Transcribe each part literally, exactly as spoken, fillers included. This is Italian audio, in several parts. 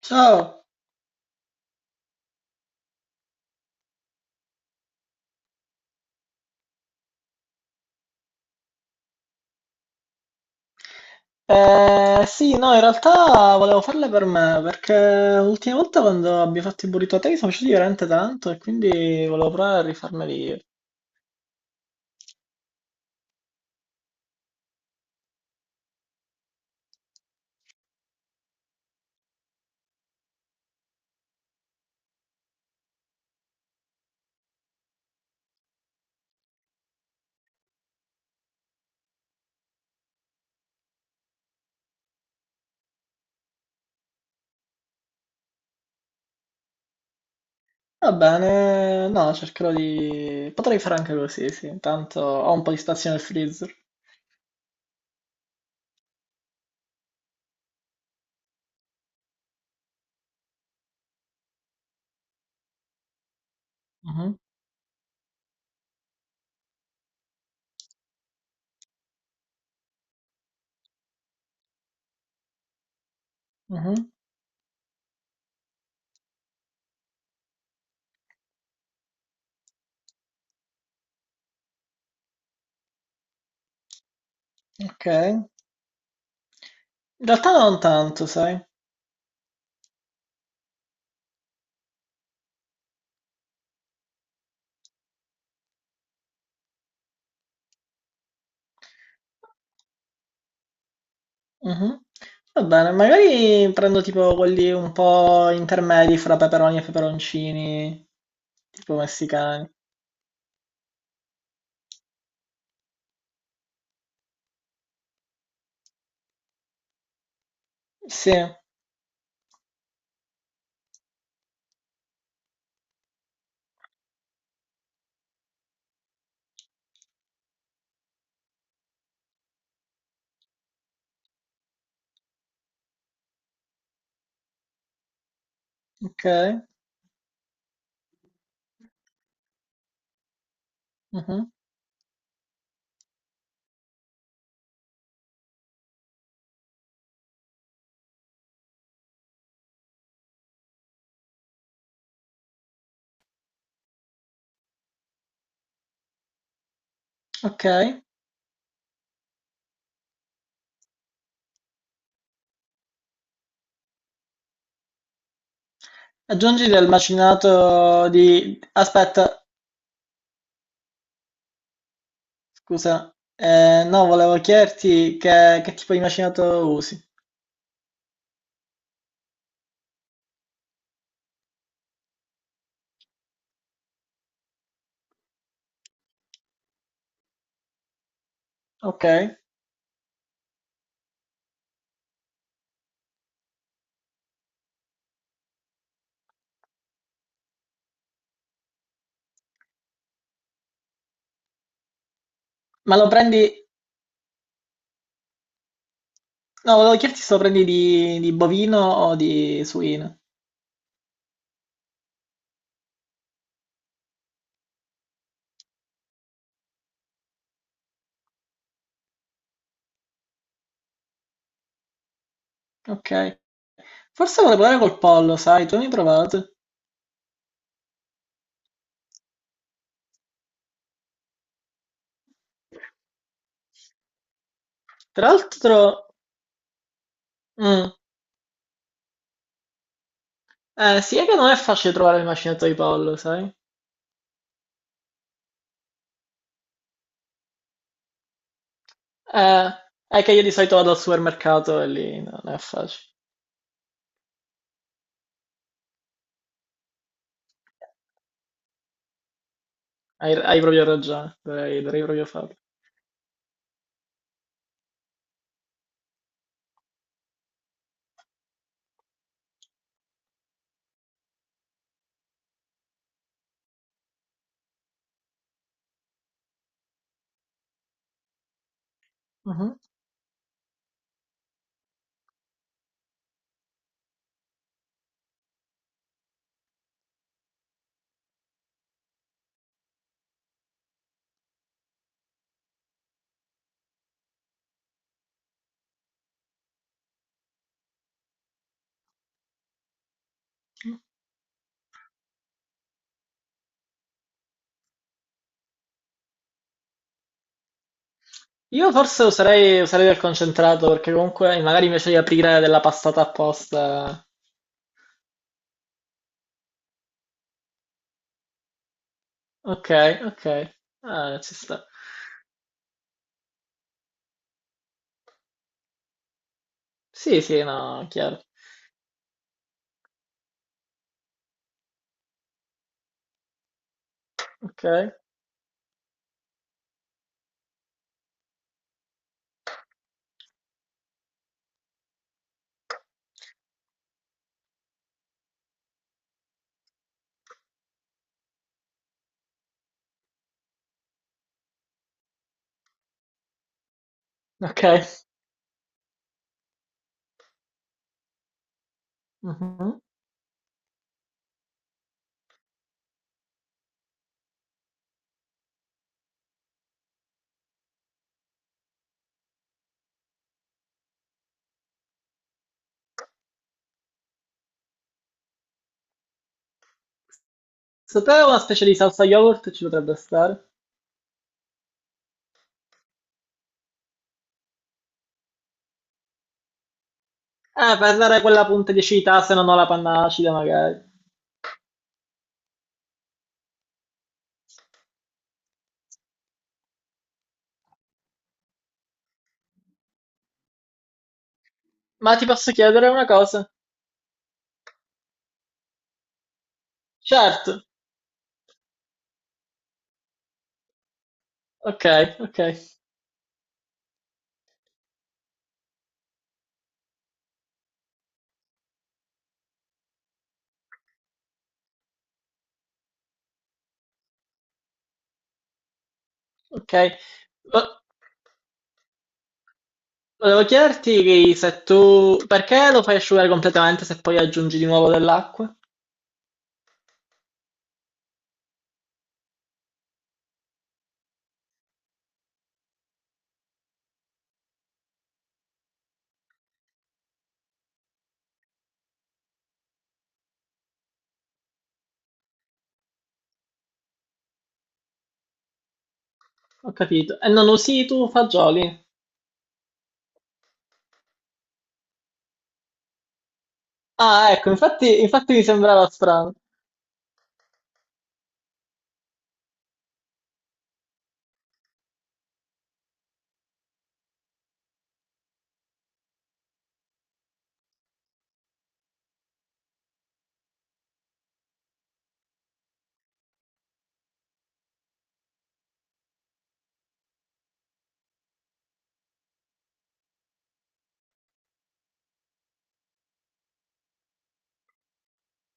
Ciao, eh, sì, no, in realtà volevo farle per me perché l'ultima volta quando abbiamo fatto i burrito a te mi sono piaciuti veramente tanto e quindi volevo provare a rifarmeli io. Va bene, no, cercherò di... potrei fare anche così, sì, intanto ho un po' di spazio nel freezer. Mhm. Mhm. Ok, in realtà non tanto, sai. Mhm. Va bene, magari prendo tipo quelli un po' intermedi fra peperoni e peperoncini, tipo messicani. Sì, ok. Mh-mh. Okay. Aggiungi del macinato di aspetta, scusa, ehm, no, volevo chiederti che che tipo di macinato usi. Okay. Ma lo prendi No, volevo chiederti se lo prendi di di bovino o di suino. Okay. Forse vorrei provare col pollo, sai, tu mi hai mai provato? Tra l'altro mh, eh sì, è che non è facile trovare il macinato di pollo, sai? Eh, è che io di solito vado al supermercato e lì non è facile. Hai, hai proprio ragione, dovrei, dovrei proprio farlo. Mhm. Io forse userei, userei del concentrato perché comunque magari invece di aprire della passata apposta. Ok, ok. Ah, ci sta. Sì, sì, no, chiaro. Ok, ok. Mhm. Secondo te una specie di salsa yogurt ci potrebbe stare? Eh, per dare quella punta di acidità se non ho la panna acida magari. Ma ti posso chiedere una cosa? Certo. Ok, ok, ok. Vo- Volevo chiederti se tu... perché lo fai asciugare completamente se poi aggiungi di nuovo dell'acqua? Ho capito. E non usi tu fagioli? Ah, ecco, infatti, infatti mi sembrava strano.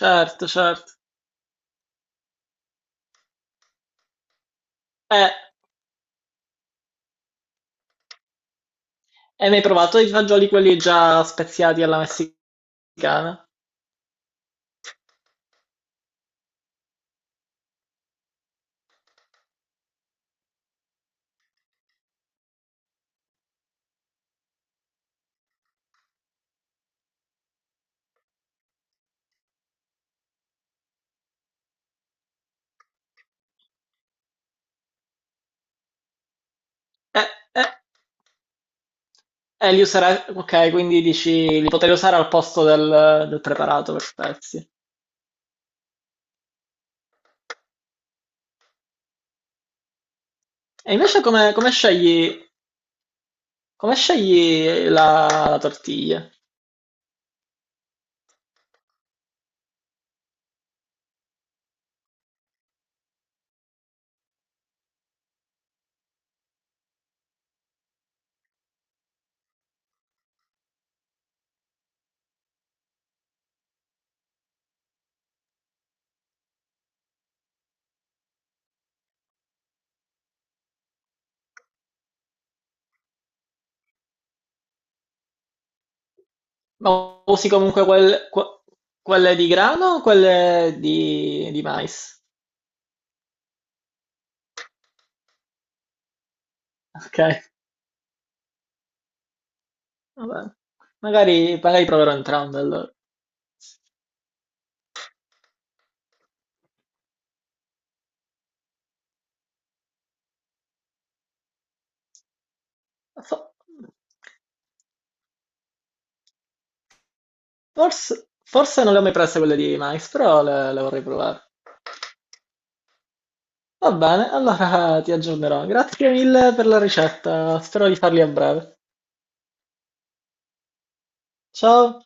Certo, certo. Eh, e mi hai provato i fagioli quelli già speziati alla messicana? Eh, eh. Eh, li userai, ok, quindi dici li potrei usare al posto del, del preparato per pezzi. E invece come, come scegli, come scegli la, la tortiglia? Ma usi comunque quel- que- quelle di grano o quelle di, di mais? Ok, vabbè. Magari, magari proverò entrambe allora. Fo- Forse, forse non le ho mai prese quelle di mais, però le, le vorrei provare. Va bene, allora ti aggiornerò. Grazie mille per la ricetta, spero di farli a breve. Ciao!